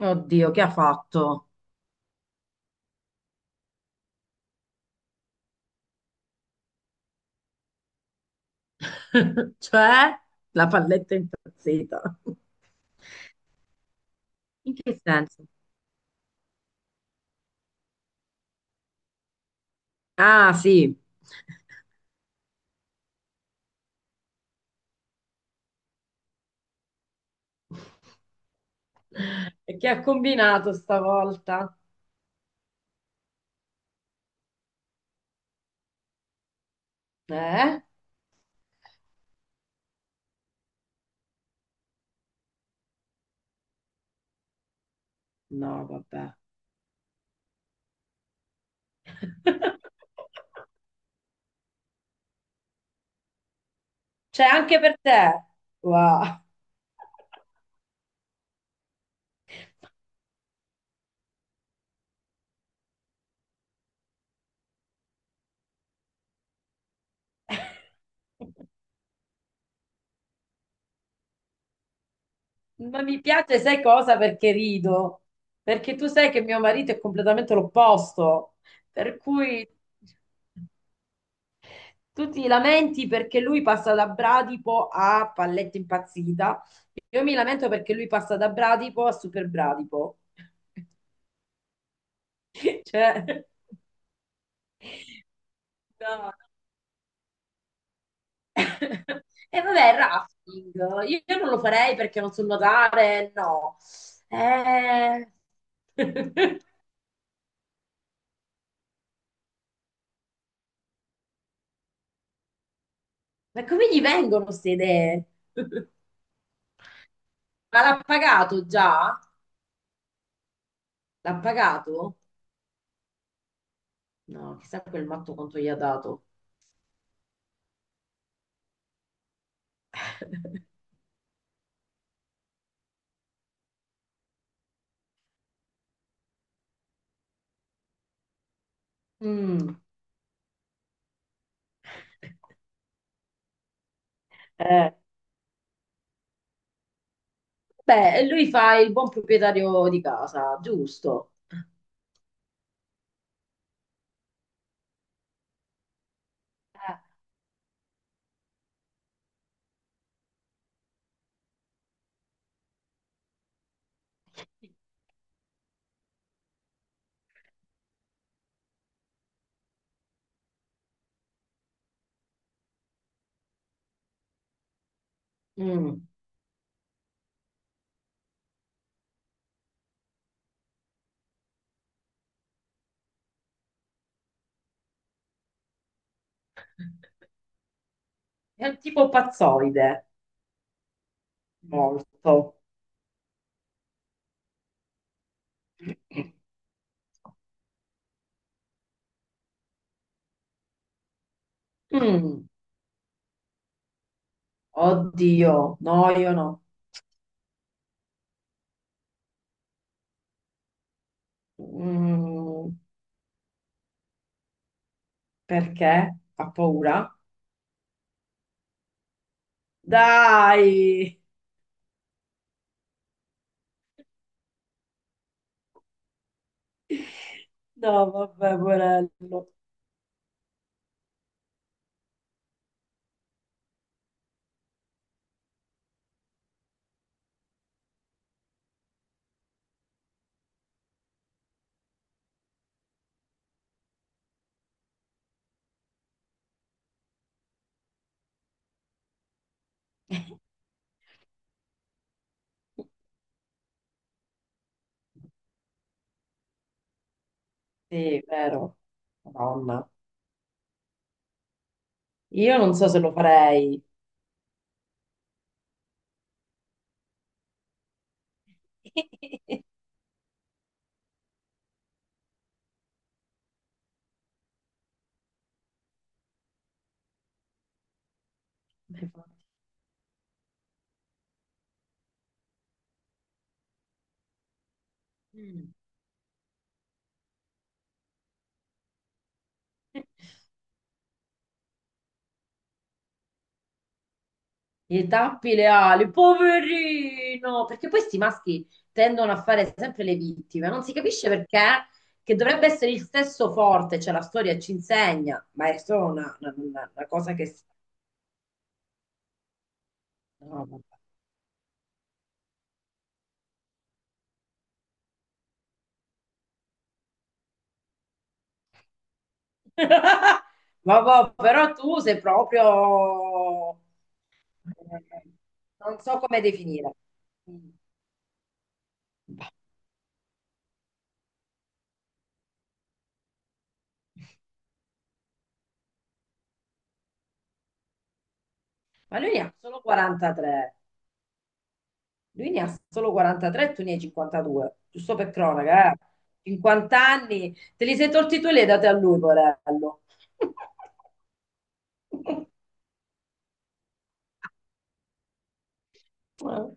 Oddio, che ha fatto? Cioè, la palletta è impazzita. In che senso? Ah, sì. E che ha combinato stavolta? Eh? No, vabbè. C'è anche per te. Wow. Ma mi piace, sai cosa? Perché rido. Perché tu sai che mio marito è completamente l'opposto. Per cui... Tu ti lamenti perché lui passa da Bradipo a Palletta Impazzita. Io mi lamento perché lui passa da Bradipo a Super Bradipo. Cioè, no. E vabbè, il rafting. Io non lo farei perché non so nuotare, no. Eh... Ma come gli vengono queste idee? Ma l'ha pagato già? L'ha pagato? No, chissà quel matto quanto gli ha dato. Mm. Eh. Beh, lui fa il buon proprietario di casa, giusto? Ah. Sì. Mm. È un tipo pazzoide. Mm, molto. Mm. Oddio, no, io no. Mm. Perché? Fa paura? Dai! No, vabbè, porello. Sì, vero. Madonna. Io non so se lo farei. Mm. Gli tappi le ali, poverino! Perché poi questi maschi tendono a fare sempre le vittime, non si capisce perché, che dovrebbe essere il stesso forte, cioè la storia ci insegna, ma è solo una cosa che... s- No, vabbè. Vabbè, però tu sei proprio... eh, non so come definire. Mm. Ma lui ne ha solo 43. Lui ne ha solo 43, tu ne hai 52, giusto per cronaca, eh. 50 anni, te li sei tolti tu e li hai dati a lui, porello. No.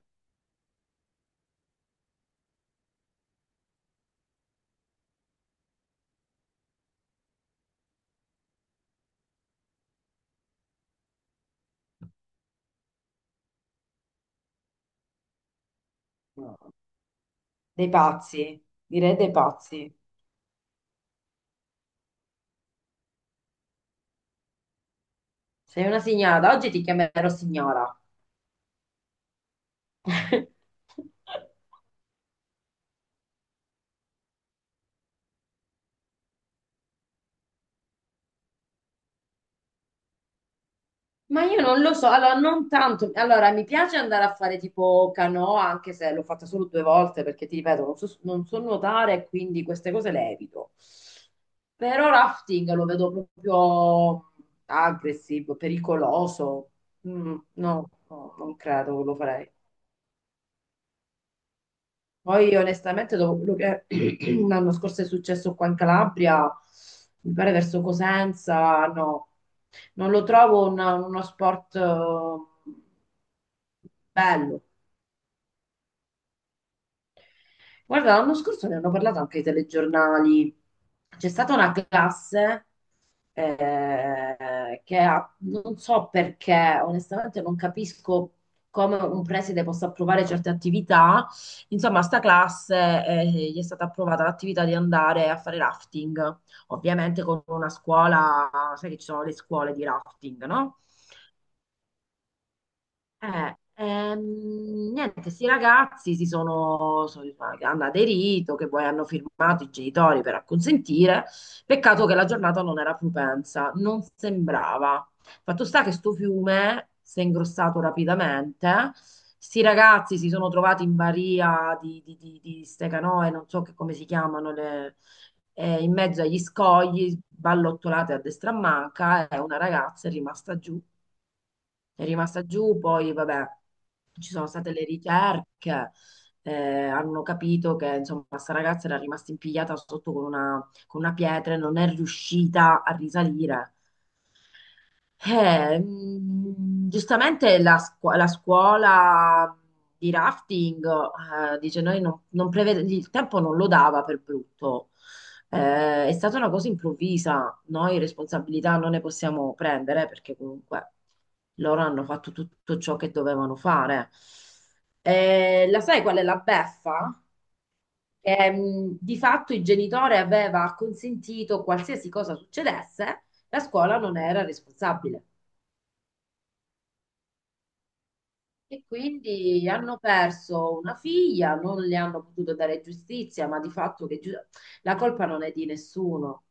Dei pazzi, direi dei pazzi. Sei una signora, da oggi ti chiamerò signora. Ma io non lo so, allora non tanto, allora mi piace andare a fare tipo canoa, anche se l'ho fatta solo due volte perché ti ripeto, non so, non so nuotare, quindi queste cose le evito. Però rafting lo vedo proprio aggressivo, pericoloso. Mm, no, no, non credo che lo farei. Poi onestamente dopo quello che l'anno scorso è successo qua in Calabria, mi pare verso Cosenza, no, non lo trovo un- uno sport bello. Guarda, l'anno scorso ne hanno parlato anche i telegiornali. C'è stata una classe che ha- non so perché, onestamente non capisco come un preside possa approvare certe attività. Insomma, a sta classe gli è stata approvata l'attività di andare a fare rafting, ovviamente con una scuola, sai che ci sono le scuole di rafting, no? Niente, questi ragazzi si sono, so- hanno aderito, che poi hanno firmato i genitori per acconsentire. Peccato che la giornata non era propensa, non sembrava. Fatto sta che sto fiume si è ingrossato rapidamente. Sti ragazzi si sono trovati in baria di ste canoe, non so che- come si chiamano, le- in mezzo agli scogli, ballottolate a destra e a manca, e una ragazza è rimasta giù, è rimasta giù, poi vabbè, ci sono state le ricerche, eh, hanno capito che insomma questa ragazza era rimasta impigliata sotto con una pietra e non è riuscita a risalire. Mm, giustamente la, scu- la scuola di rafting, dice noi non, non prevede, il tempo non lo dava per brutto. È stata una cosa improvvisa, noi responsabilità non ne possiamo prendere perché comunque loro hanno fatto tutto ciò che dovevano fare. La sai qual è la beffa? Che, mm, di fatto il genitore aveva consentito qualsiasi cosa succedesse, la scuola non era responsabile. E quindi hanno perso una figlia, non le hanno potuto dare giustizia, ma di fatto che giu- la colpa non è di nessuno.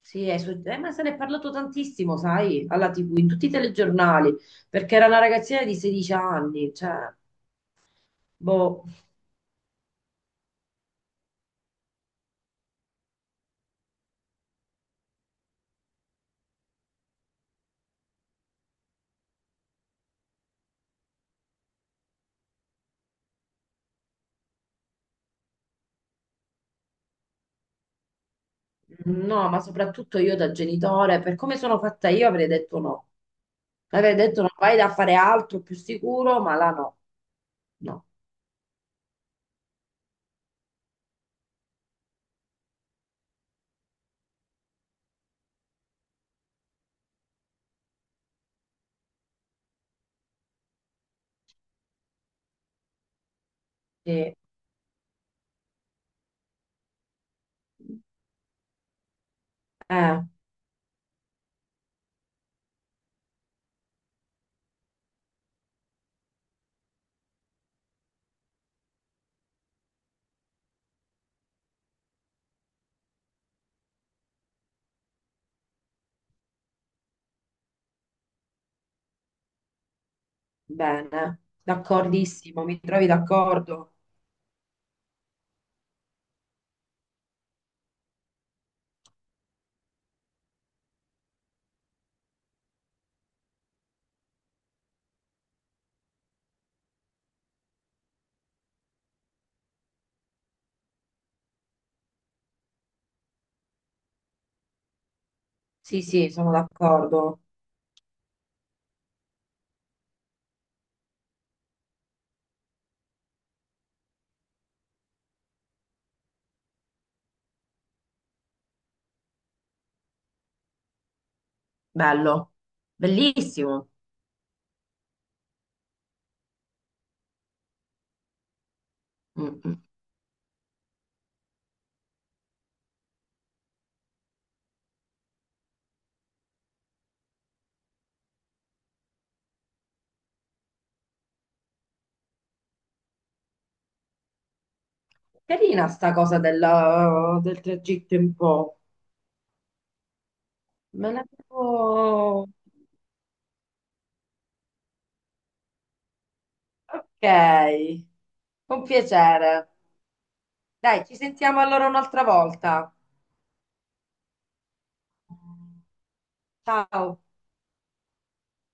Sì, è su- ma se ne è parlato tantissimo, sai, alla TV, in tutti i telegiornali, perché era una ragazzina di 16 anni, cioè, boh, no, ma soprattutto io da genitore, per come sono fatta io avrei detto no. Avrei detto non vai da fare altro più sicuro, ma là no, no. Sì. Eh. Bene, d'accordissimo, mi trovi d'accordo? Sì, sì, sono d'accordo. Bello, bellissimo. Mm, mm. Carina sta cosa della- del tragitto in Po. Me ne devo... Ok, con piacere. Dai, ci sentiamo allora un'altra volta. Ciao.